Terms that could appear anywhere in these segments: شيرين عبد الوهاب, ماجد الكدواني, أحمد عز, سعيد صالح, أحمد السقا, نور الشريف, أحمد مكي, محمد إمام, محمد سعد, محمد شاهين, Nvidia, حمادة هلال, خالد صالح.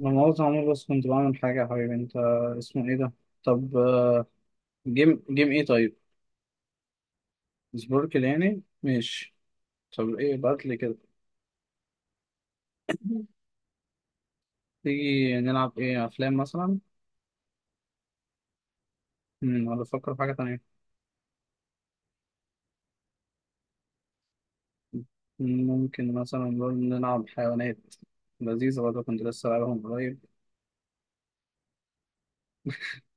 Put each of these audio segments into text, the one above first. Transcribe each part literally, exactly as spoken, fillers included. أنا مؤاخذة يا عمور، بس كنت بعمل حاجة يا حبيبي. أنت اسمه إيه ده؟ طب آه، جيم جيم إيه طيب؟ سبوركل يعني؟ ماشي. طب إيه بعتلي كده؟ تيجي نلعب إيه، أفلام مثلا؟ مم، ولا أفكر في حاجة تانية؟ ممكن مثلا نقول نلعب حيوانات لذيذة برضه، كنت لسه لعبهم قريب.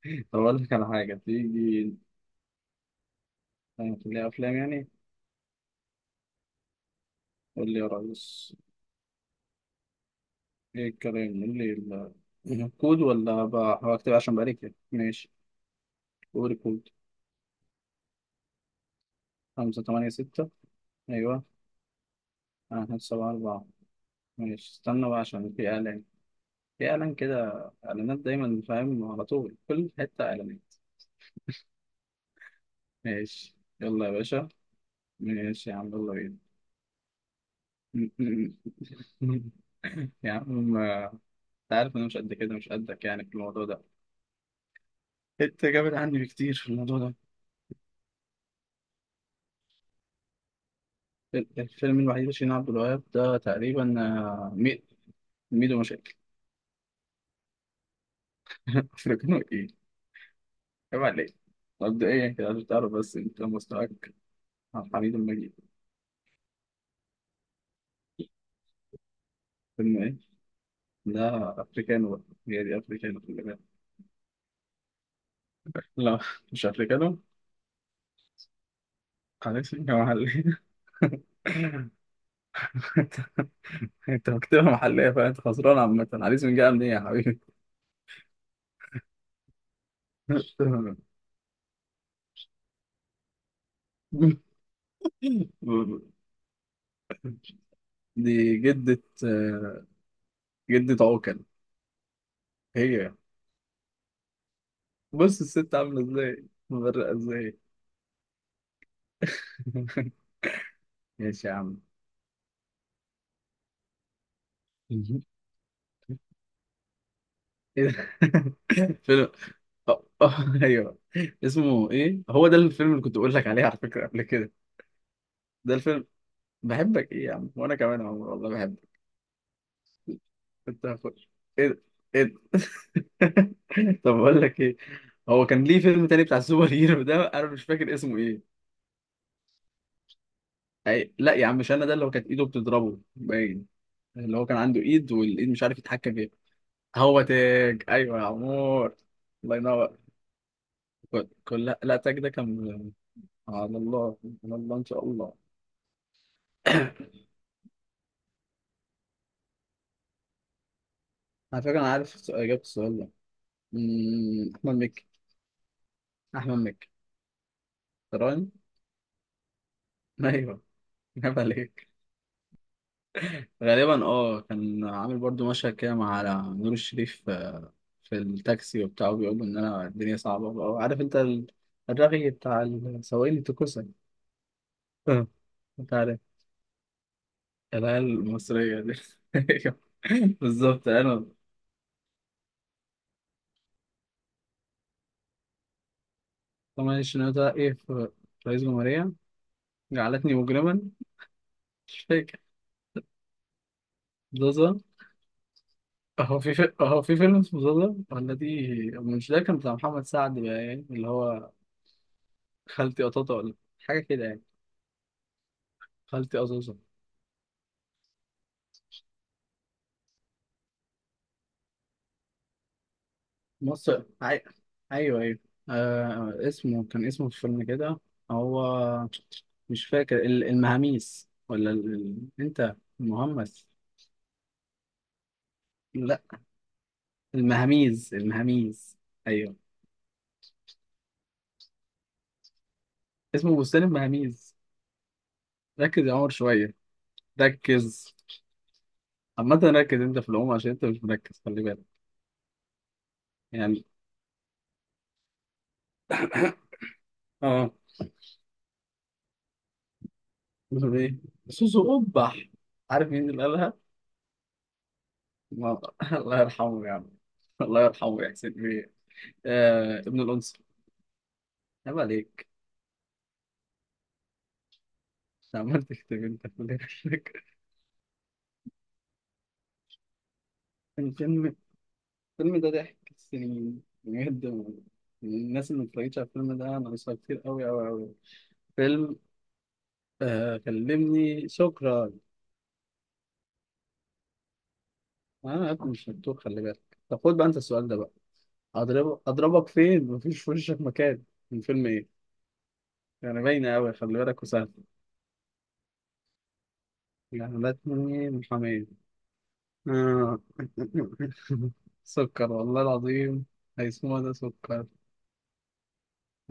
طب أقول لك على حاجة، تيجي نخليها أفلام يعني. قول لي يا ريس، إيه الكلام؟ قول لي ال- الكود، ولا بكتب؟ عشان بقالي كده ماشي. قول الكود. خمسة تمانية ستة. أيوه. أنا السبعة أربعة. ماشي استنى بقى، عشان في إعلان. في إعلان كده. إعلانات دايما، فاهم؟ على طول كل حتة إعلانات. ماشي يلا يا باشا. ماشي يا عم يلا بينا. يا عم أنت عارف أنا مش قد كده، مش قدك يعني في الموضوع ده. أنت جامد عني بكتير في الموضوع ده. الفيلم الوحيد اللي شيرين عبد الوهاب ده تقريبا، آه، مي- ميدو مشاكل. أفريقيا إيه؟ عيب عليك. مبدئيا كده عشان تعرف بس أنت مستواك. عبد الحميد المجيد. فيلم إيه؟ لا افريكانو بقى. هي دي افريكانو خلي بالك. لا، مش افريكانو. حليسنجا محلية. انت انت مكتبة محلية، فانت خسران عامة. حليسنجا جاية منين يا حبيبي؟ دي جدة، آه، جدة عوكل. هي بص الست عاملة ازاي، مبرقة ازاي. ماشي يا عم. ايه ده؟ فيلم. أه، أه، ايوه. اسمه ايه هو ده الفيلم اللي كنت بقول لك عليه على فكرة قبل كده؟ ده الفيلم. بحبك ايه يا عم، وانا كمان يا عمر والله بحبك. انت هخش؟ ايه ده؟ ايه ده؟ طب بقول لك ايه، هو كان ليه فيلم تاني بتاع السوبر هيرو ده، انا مش فاكر اسمه ايه. أي... لا يا عم مش انا، ده اللي هو كانت ايده بتضربه باين. اللي هو كان عنده ايد والايد مش عارف يتحكم فيها. هو تاج، ايوه يا عمور. الله ينور. كل كل- لا لا، تاج ده كان على الله، على الله ان شاء الله. على فكره انا عارف السؤال- اجابه السؤال ده. أمم، احمد مكي. احمد مكي. تراني. ايوه. جاب عليك. غالبا اه، كان عامل برضو مشهد كده مع نور الشريف، آه، في التاكسي وبتاع. بيقول ان انا الدنيا صعبه بقى، عارف انت ال- الرغي بتاع السواقين التكوسه. آه، انت عارف العيال المصريه دي. بالظبط انا. طبعا الشنو ده ايه، في رئيس جمهوريه؟ جعلتني مجرما. مش فاكر زازا. هو في في هو في فيلم اسمه زازا ولا دي مش ده؟ كان بتاع محمد سعد بقى يعني، اللي هو خالتي قطاطا ولا حاجه كده يعني. خالتي قطاطا. مصر عي... ايوه ايوه. آه... اسمه كان اسمه في الفيلم كده هو، مش فاكر ال- المهاميس ولا ال... ال- انت المهمس؟ لا، المهاميز المهاميز، ايوه. اسمه بستان المهاميز. ركز يا عمر شويه. ركز. عامة ركز انت في العموم عشان انت مش مركز، خلي بالك. يعني. اه. بيقول ايه سوسو قبح؟ عارف مين اللي قالها؟ ما- الله يرحمه يا عم، الله يرحمه يا حسين بيه. آه... ابن الانصار. عيب عليك. عملت كتاب انت في الآخر. كان فيلم. الفيلم ده ضحك السنين بجد. من الناس اللي متفرجتش على الفيلم ده انا، ناقصها كتير قوي قوي قوي. فيلم آه كلمني شكرا. آه، انا يا ابني مش مكتوب خلي بالك. طب خد بقى انت السؤال ده بقى. اضرب اضربك فين، مفيش في وشك مكان. من فيلم ايه؟ يعني باينه قوي خلي بالك وسهل. جعلتني محامية. آه. سكر والله العظيم. هيسموها ده سكر.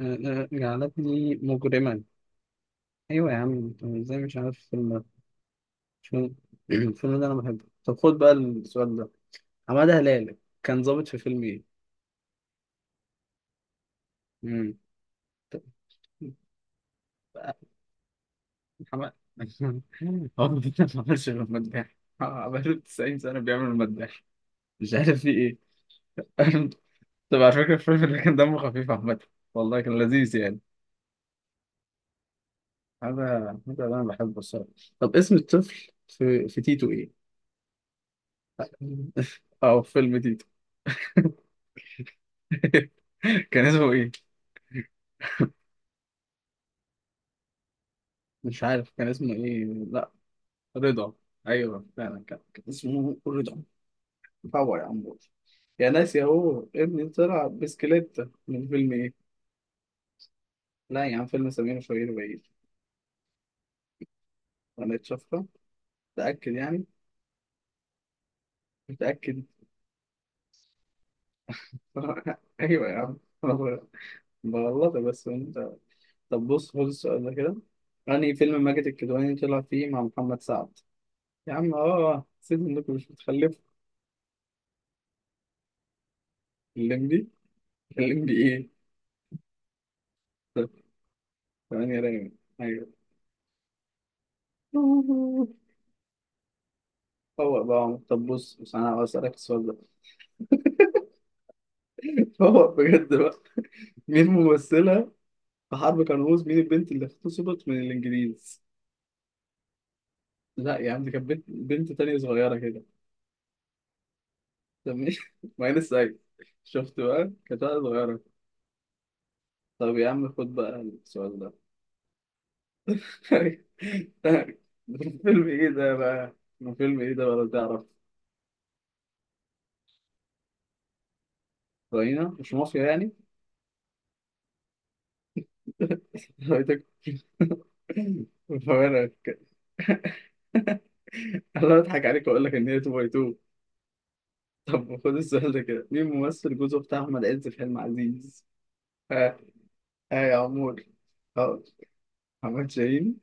آه، آه، جعلتني مجرما. ايوه يا عم، انت ازاي مش عارف الفيلم ده؟ مش فاهم. الفيلم ده انا بحبه. طب خد بقى السؤال ده. حمادة هلال كان ظابط في فيلم ايه؟ امم. حمادة. هو ما بيعملش غير مداح، آه، بقاله تسعين سنة بيعمل المداح. مش عارف في ايه. طب على فكرة الفيلم ده كان دمه خفيف عامة، والله كان لذيذ يعني. هذا، هذا اللي انا بحبه الصراحة. طب اسم الطفل في في تيتو ايه؟ اه في فيلم تيتو. كان اسمه ايه؟ مش عارف كان اسمه ايه؟ لا. رضا. ايوه فعلا كان كان اسمه رضا. باور يا عم. يا ناس يا، هو ابني طلع بسكليت. من فيلم ايه؟ لا يا عم، فيلم سمير وشهير وبهير. انا اتشفره. متأكد يعني؟ متأكد. ايوه يا عم. أنا بغلطك بس انت. طب بص خد السؤال ده كده. أنهي فيلم ماجد الكدواني طلع فيه مع محمد سعد؟ يا عم اه، سيب انكم مش بتخلفوا. الليمبي. الليمبي ايه؟ ثمانية رايم، ايوه. فوق بقى. طب بص بس انا هسألك السؤال ده. فوق بجد بقى. مين ممثلة في حرب قناص، مين البنت اللي اغتصبت من الانجليز؟ لا يا عم، دي كانت بنت بنت تانية صغيرة كده. طب مين؟ معين السعيد. شفت بقى، كانت واحدة صغيرة. طب يا عم خد بقى السؤال ده. ده فيلم ايه ده بقى، ده فيلم ايه ده بقى لو تعرف؟ راينا مش مافيا يعني. رايتك. فانا انا بضحك عليك واقول لك ان هي اتنين باي اتنين. طب خد السؤال ده كده، مين ممثل جوزه بتاع أحمد عز في فيلم عزيز؟ ها، ها يا عمور. اه. محمد شاهين.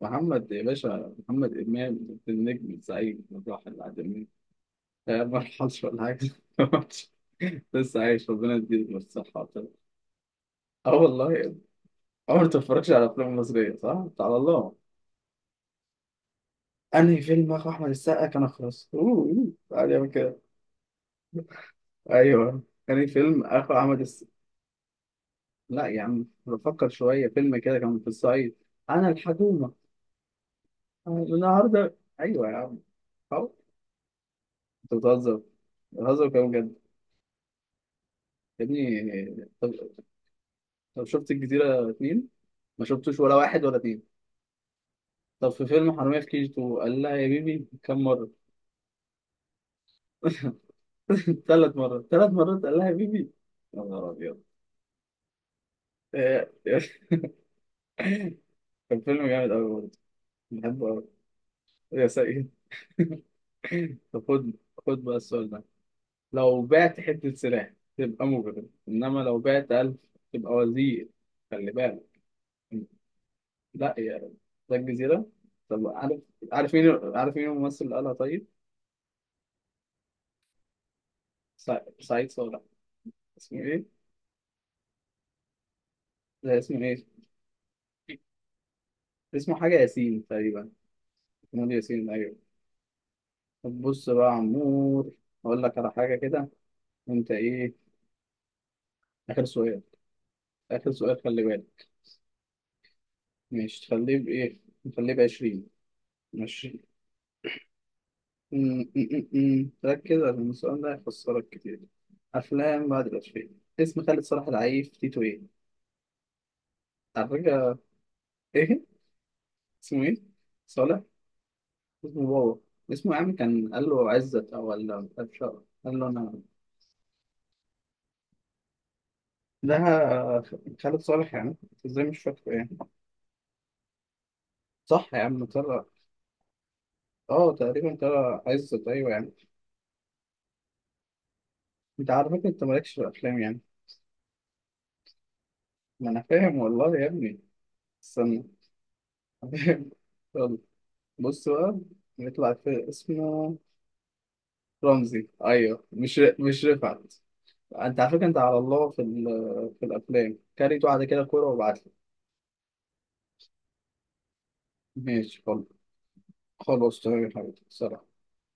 محمد يا باشا، محمد إمام، النجم الزعيم الراحل العالمي. آه، ما لحقش ولا حاجة. لسه عايش، ربنا يديله الصحة والعافية. اه والله يا ابني. عمرك ما تتفرجش على أفلام مصرية صح؟ تعالى الله. أنهي فيلم أخو أحمد السقا كان أخرس؟ أوه أوه. تعالى يا كده. أيوه. أنهي فيلم أخو أحمد. لا يا عم، بفكر شوية. فيلم كده كان في الصعيد. أنا الحكومة. أنا النهاردة، أيوة يا عم. أهو. أنت بتهزر، بتهزر كده بجد. يا ابني. طب طب شفت الجزيرة اتنين. ما شفتوش ولا واحد ولا اتنين. طب في فيلم حرامية في كي جي اتنين قال لها يا بيبي كم مرة؟ ثلاث مرات. ثلاث مرات قال لها يا بيبي. يا نهار أبيض. إيه، إيه، كان فيلم جامد أوي برضه، بحبه أوي. يا سيد. طب خد، خد بقى السؤال ده. لو بعت حتة سلاح تبقى مجرم، إنما لو بعت ألف تبقى وزير. خلي بالك. لا يا رب. ده الجزيرة. طب عارف، عارف مين عارف مين الممثل اللي قالها طيب؟ سع- سعيد صالح. اسمه إيه؟ ده اسمه إيه؟ اسمه حاجة ياسين تقريبا. نادي ياسين، أيوه. طب بص بقى يا عمور، أقول لك على حاجة كده. أنت إيه؟ آخر سؤال. آخر سؤال خلي بالك. مش تخليه بإيه؟ نخليه بعشرين. مش، مم، مم، مم. ركز عشان السؤال ده هيخسرك كتير. أفلام بعد الألفين، اسم خالد صلاح العيف تيتو إيه؟ على فكرة. إيه؟ اسمه إيه؟ صالح؟ اسمه بابا. اسمه يا عم كان قال له عزت أو، ولا أبشر قال له أنا. ده خالد صالح يعني، إزاي مش فاكره يعني؟ صح يا عم ترى. آه تقريبا ترى عزت، أيوه يعني. أنت على فكرة أنت مالكش في الأفلام يعني. ما أنا فاهم والله يا ابني. استنى. فاهم. يلا. بص بقى، نطلع في اسمه. رمزي، ايوه. مش مش رفعت. انت على فكره انت على الله في ال- في الافلام. كاريت واحده كده كوره وابعت لي. ماشي خلاص. خلاص تمام يا حبيبي، سلام.